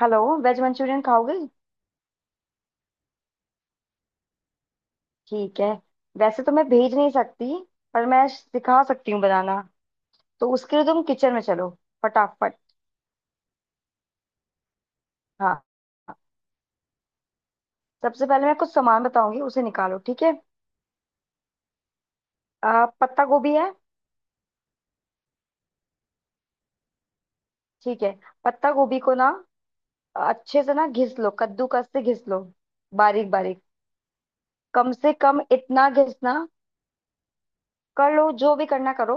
Hello. Veg Manchurian खाओगे? ठीक है। वैसे तो मैं भेज नहीं सकती, पर मैं सिखा सकती हूँ बनाना। तो उसके लिए तुम किचन में चलो, फटाफट। हाँ, सबसे पहले मैं कुछ सामान बताऊंगी, उसे निकालो ठीक है? पत्ता गोभी है। ठीक है। पत्ता गोभी को ना अच्छे से ना घिस लो, कद्दूकस से घिस लो, बारीक बारीक। कम से कम इतना घिसना, कर लो जो भी करना करो।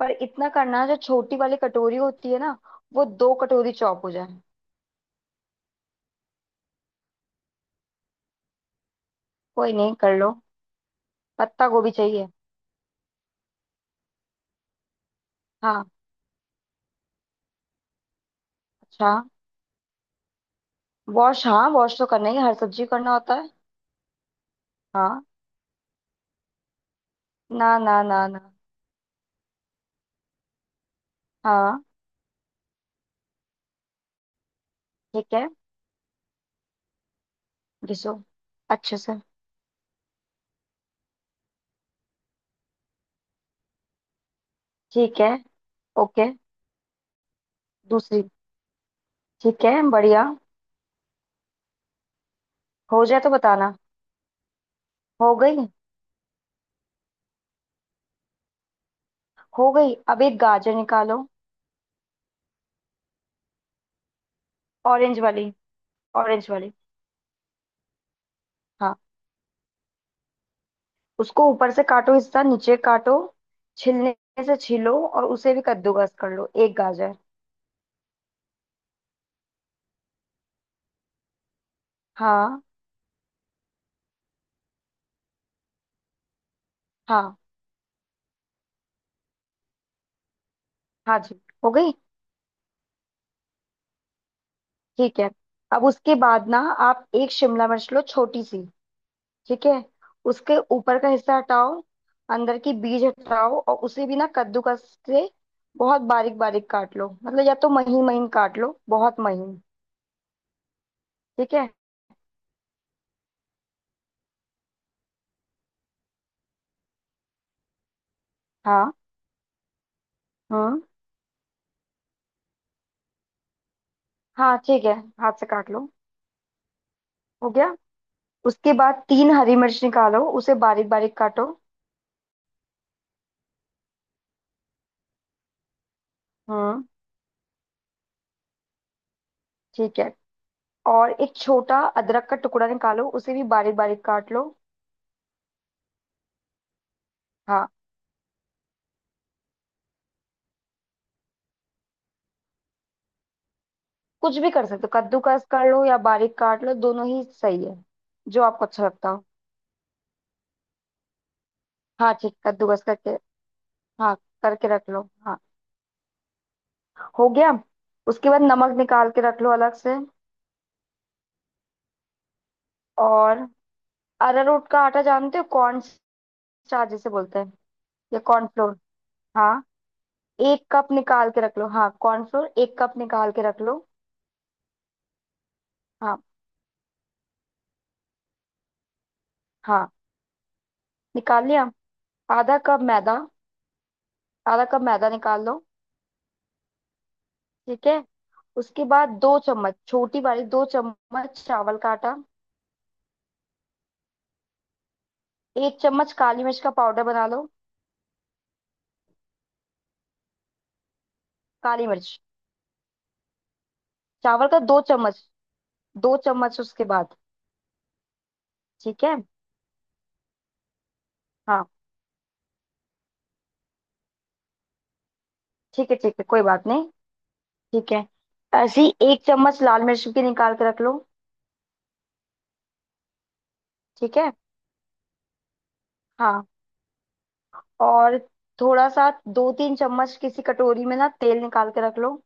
पर इतना करना, जो छोटी वाली कटोरी होती है ना, वो 2 कटोरी चौप हो जाए। कोई नहीं, कर लो। पत्ता गोभी चाहिए। हाँ, अच्छा। वॉश हाँ, वॉश तो करना ही है, हर सब्जी करना होता है। हाँ। ना ना ना ना। हाँ ठीक है। घिसो अच्छे से। ठीक है। ओके। दूसरी। ठीक है, बढ़िया। हो जाए तो बताना। हो गई। हो गई। अब एक गाजर निकालो। ऑरेंज वाली। ऑरेंज वाली। हाँ, उसको ऊपर से काटो, हिस्सा नीचे काटो, छिलने से छीलो, और उसे भी कद्दूकस कर लो एक गाजर। हाँ हाँ। हाँ जी, हो गई। ठीक है। अब उसके बाद ना, आप एक शिमला मिर्च लो छोटी सी। ठीक है। उसके ऊपर का हिस्सा हटाओ, अंदर की बीज हटाओ, और उसे भी ना कद्दूकस से बहुत बारीक बारीक काट लो, मतलब या तो महीन महीन काट लो, बहुत महीन। ठीक है। हाँ। हम्म। हाँ ठीक है, हाथ से काट लो। हो गया। उसके बाद तीन हरी मिर्च निकालो, उसे बारीक बारीक काटो। हम्म। ठीक है। और एक छोटा अदरक का टुकड़ा निकालो, उसे भी बारीक बारीक काट लो। हाँ। कुछ भी कर सकते हो, कद्दूकस कर लो या बारीक काट लो, दोनों ही सही है। जो आपको अच्छा लगता हो। हाँ ठीक, कद्दूकस करके। हाँ, करके रख लो हाँ। हो गया। उसके बाद नमक निकाल के रख लो अलग से। और अरारोट का आटा जानते हो, कॉर्न स्टार्च जिसे बोलते हैं, या कॉर्नफ्लोर। हाँ, 1 कप निकाल के रख लो। हाँ, कॉर्नफ्लोर 1 कप निकाल के रख लो। हाँ। हाँ, निकाल लिया। आधा कप मैदा। आधा कप मैदा निकाल लो। ठीक है। उसके बाद 2 चम्मच, छोटी वाली 2 चम्मच चावल का आटा। 1 चम्मच काली मिर्च का पाउडर बना लो। काली मिर्च। चावल का 2 चम्मच। 2 चम्मच उसके बाद। ठीक है। हाँ। ठीक है ठीक है, कोई बात नहीं। ठीक है। ऐसी 1 चम्मच लाल मिर्च की निकाल के रख लो। ठीक है। हाँ। और थोड़ा सा, 2-3 चम्मच किसी कटोरी में ना तेल निकाल के रख लो।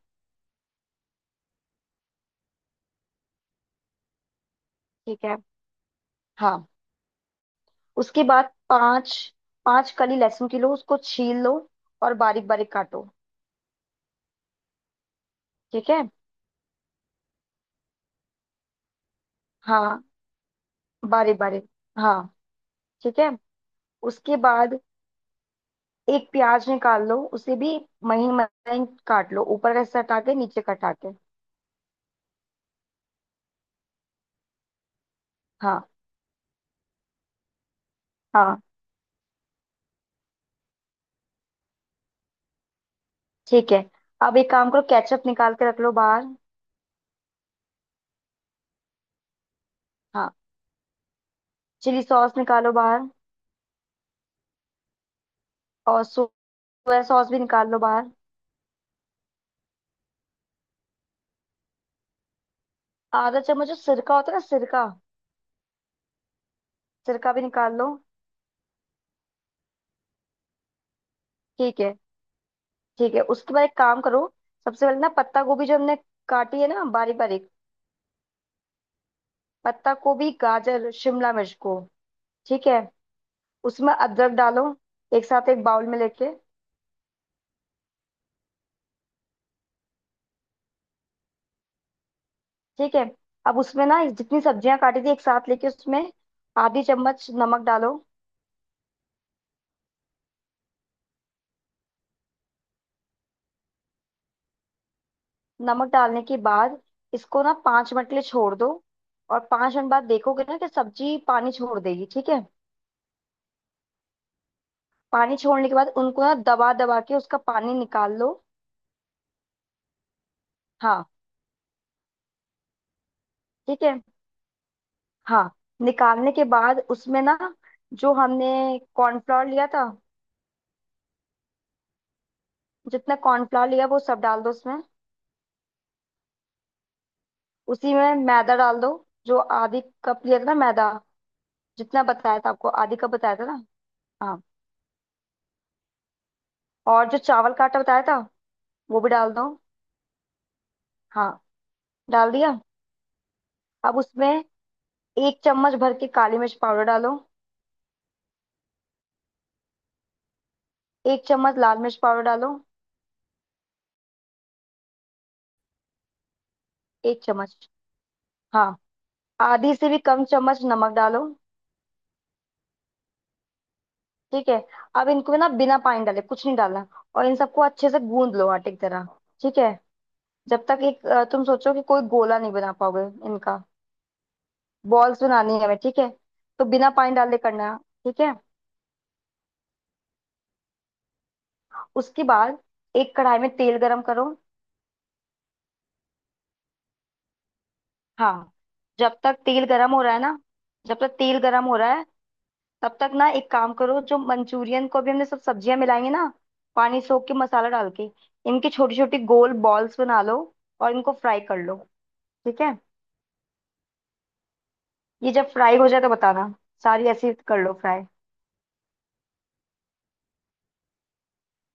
ठीक है। हाँ। उसके बाद पाँच पाँच कली लहसुन की लो, उसको छील लो और बारीक बारीक काटो। ठीक है। हाँ। बारीक बारीक। हाँ ठीक है। उसके बाद एक प्याज निकाल लो, उसे भी महीन महीन काट लो, ऊपर का हिस्सा हटा के नीचे का हटा के। हाँ। हाँ। ठीक है। अब एक काम करो, केचप निकाल के रख लो बाहर। हाँ। चिली सॉस निकालो बाहर। और सोया सॉस भी निकाल लो बाहर। आधा चम्मच जो सिरका होता है ना, सिरका, सिरका भी निकाल लो। ठीक है। ठीक है, उसके बाद एक काम करो। सबसे पहले ना, पत्ता गोभी जो हमने काटी है ना बारीक बारीक, पत्ता गोभी गाजर शिमला मिर्च को, ठीक है, उसमें अदरक डालो एक साथ एक बाउल में लेके। ठीक है। अब उसमें ना जितनी सब्जियां काटी थी एक साथ लेके, उसमें आधी चम्मच नमक डालो। नमक डालने के बाद इसको ना 5 मिनट के लिए छोड़ दो। और 5 मिनट बाद देखोगे ना कि सब्जी पानी छोड़ देगी, ठीक है? पानी छोड़ने के बाद उनको ना दबा दबा के उसका पानी निकाल लो। हाँ। ठीक है। हाँ। निकालने के बाद उसमें ना जो हमने कॉर्नफ्लावर लिया था, जितना कॉर्नफ्लावर लिया वो सब डाल दो उसमें। उसी में मैदा डाल दो, जो आधी कप लिया था ना मैदा। जितना बताया था आपको, आधी कप बताया था ना। हाँ। और जो चावल का आटा बताया था वो भी डाल दो। हाँ। डाल दिया। अब उसमें 1 चम्मच भर के काली मिर्च पाउडर डालो। 1 चम्मच लाल मिर्च पाउडर डालो। 1 चम्मच। हाँ। आधी से भी कम चम्मच नमक डालो। ठीक है। अब इनको ना बिना पानी डाले कुछ नहीं डालना। और इन सबको अच्छे से गूंद लो आटे की तरह। ठीक है। जब तक, एक तुम सोचो कि कोई गोला नहीं बना पाओगे इनका। बॉल्स बनानी है हमें, ठीक है। तो बिना पानी डाले करना। ठीक है। उसके बाद एक कढ़ाई में तेल गरम करो। हाँ। जब तक तेल गरम हो रहा है ना, जब तक तेल गरम हो रहा है तब तक ना एक काम करो, जो मंचूरियन को भी हमने सब सब्जियां मिलाएंगे ना, पानी सोख के मसाला डाल के इनकी छोटी छोटी गोल बॉल्स बना लो और इनको फ्राई कर लो। ठीक है। ये जब फ्राई हो जाए तो बताना, सारी ऐसी कर लो फ्राई।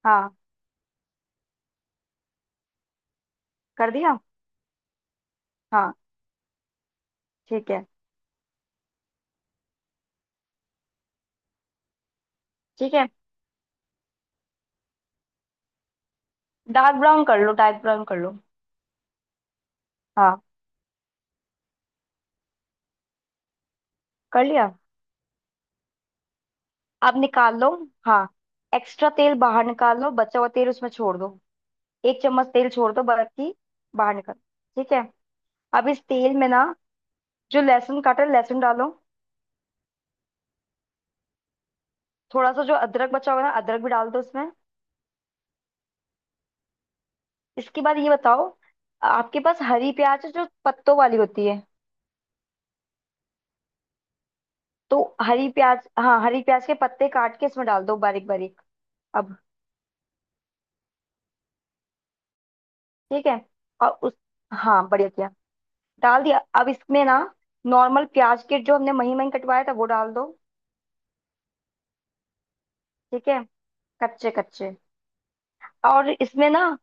हाँ कर दिया। हाँ। ठीक है। ठीक है, डार्क ब्राउन कर लो, डार्क ब्राउन कर लो। हाँ, कर लिया। अब निकाल लो। हाँ। एक्स्ट्रा तेल बाहर निकाल लो, बचा हुआ तेल उसमें छोड़ दो। एक चम्मच तेल छोड़ दो, बाकी बाहर निकल। ठीक है। अब इस तेल में ना जो लहसुन काटा है, लहसुन डालो। थोड़ा सा जो अदरक बचा हुआ है ना, अदरक भी डाल दो उसमें। इसके बाद ये बताओ, आपके पास हरी प्याज है जो पत्तों वाली होती है? तो हरी प्याज, हाँ हरी प्याज के पत्ते काट के इसमें डाल दो बारीक बारीक। अब ठीक है, और उस, हाँ बढ़िया किया। डाल दिया, अब इसमें ना नॉर्मल प्याज के जो हमने महीन महीन कटवाया था, वो डाल दो। ठीक है। कच्चे कच्चे। और इसमें ना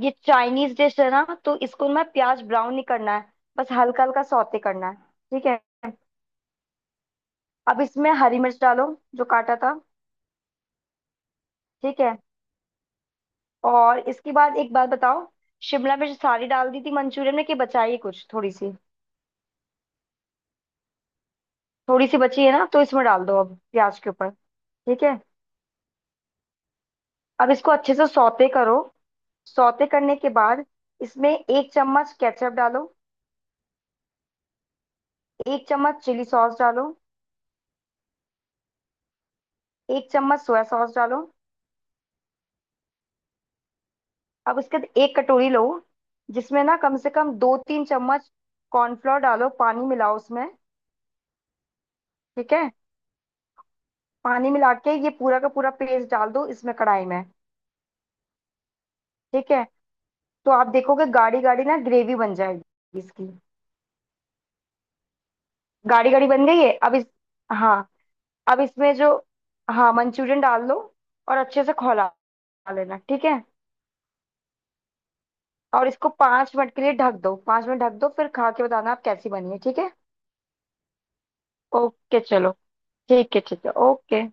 ये चाइनीज डिश है ना, तो इसको ना प्याज ब्राउन नहीं करना है, बस हल्का हल्का सौते करना है। ठीक है। अब इसमें हरी मिर्च डालो, जो काटा था। ठीक है। और इसके बाद एक बात बताओ, शिमला मिर्च सारी डाल दी थी मंचूरियन में कि बचाई है कुछ थोड़ी सी? थोड़ी सी बची है ना, तो इसमें डाल दो अब प्याज के ऊपर। ठीक है। अब इसको अच्छे से सौते करो। सौते करने के बाद इसमें एक चम्मच केचप डालो। 1 चम्मच चिली सॉस डालो। 1 चम्मच सोया सॉस डालो। अब उसके बाद एक कटोरी लो, जिसमें ना कम से कम 2-3 चम्मच कॉर्नफ्लोर डालो, पानी मिलाओ उसमें। ठीक है। पानी मिला के ये पूरा का पूरा पेस्ट डाल दो इसमें कढ़ाई में। ठीक है। तो आप देखोगे, गाढ़ी गाढ़ी ना ग्रेवी बन जाएगी इसकी। गाढ़ी गाढ़ी बन गई है। अब इस, हाँ अब इसमें जो, हाँ मंचूरियन डाल दो और अच्छे से खौला लेना, ठीक है। और इसको 5 मिनट के लिए ढक दो, 5 मिनट ढक दो, फिर खा के बताना आप कैसी बनी है, ठीक है? ओके चलो। ठीक है ओके।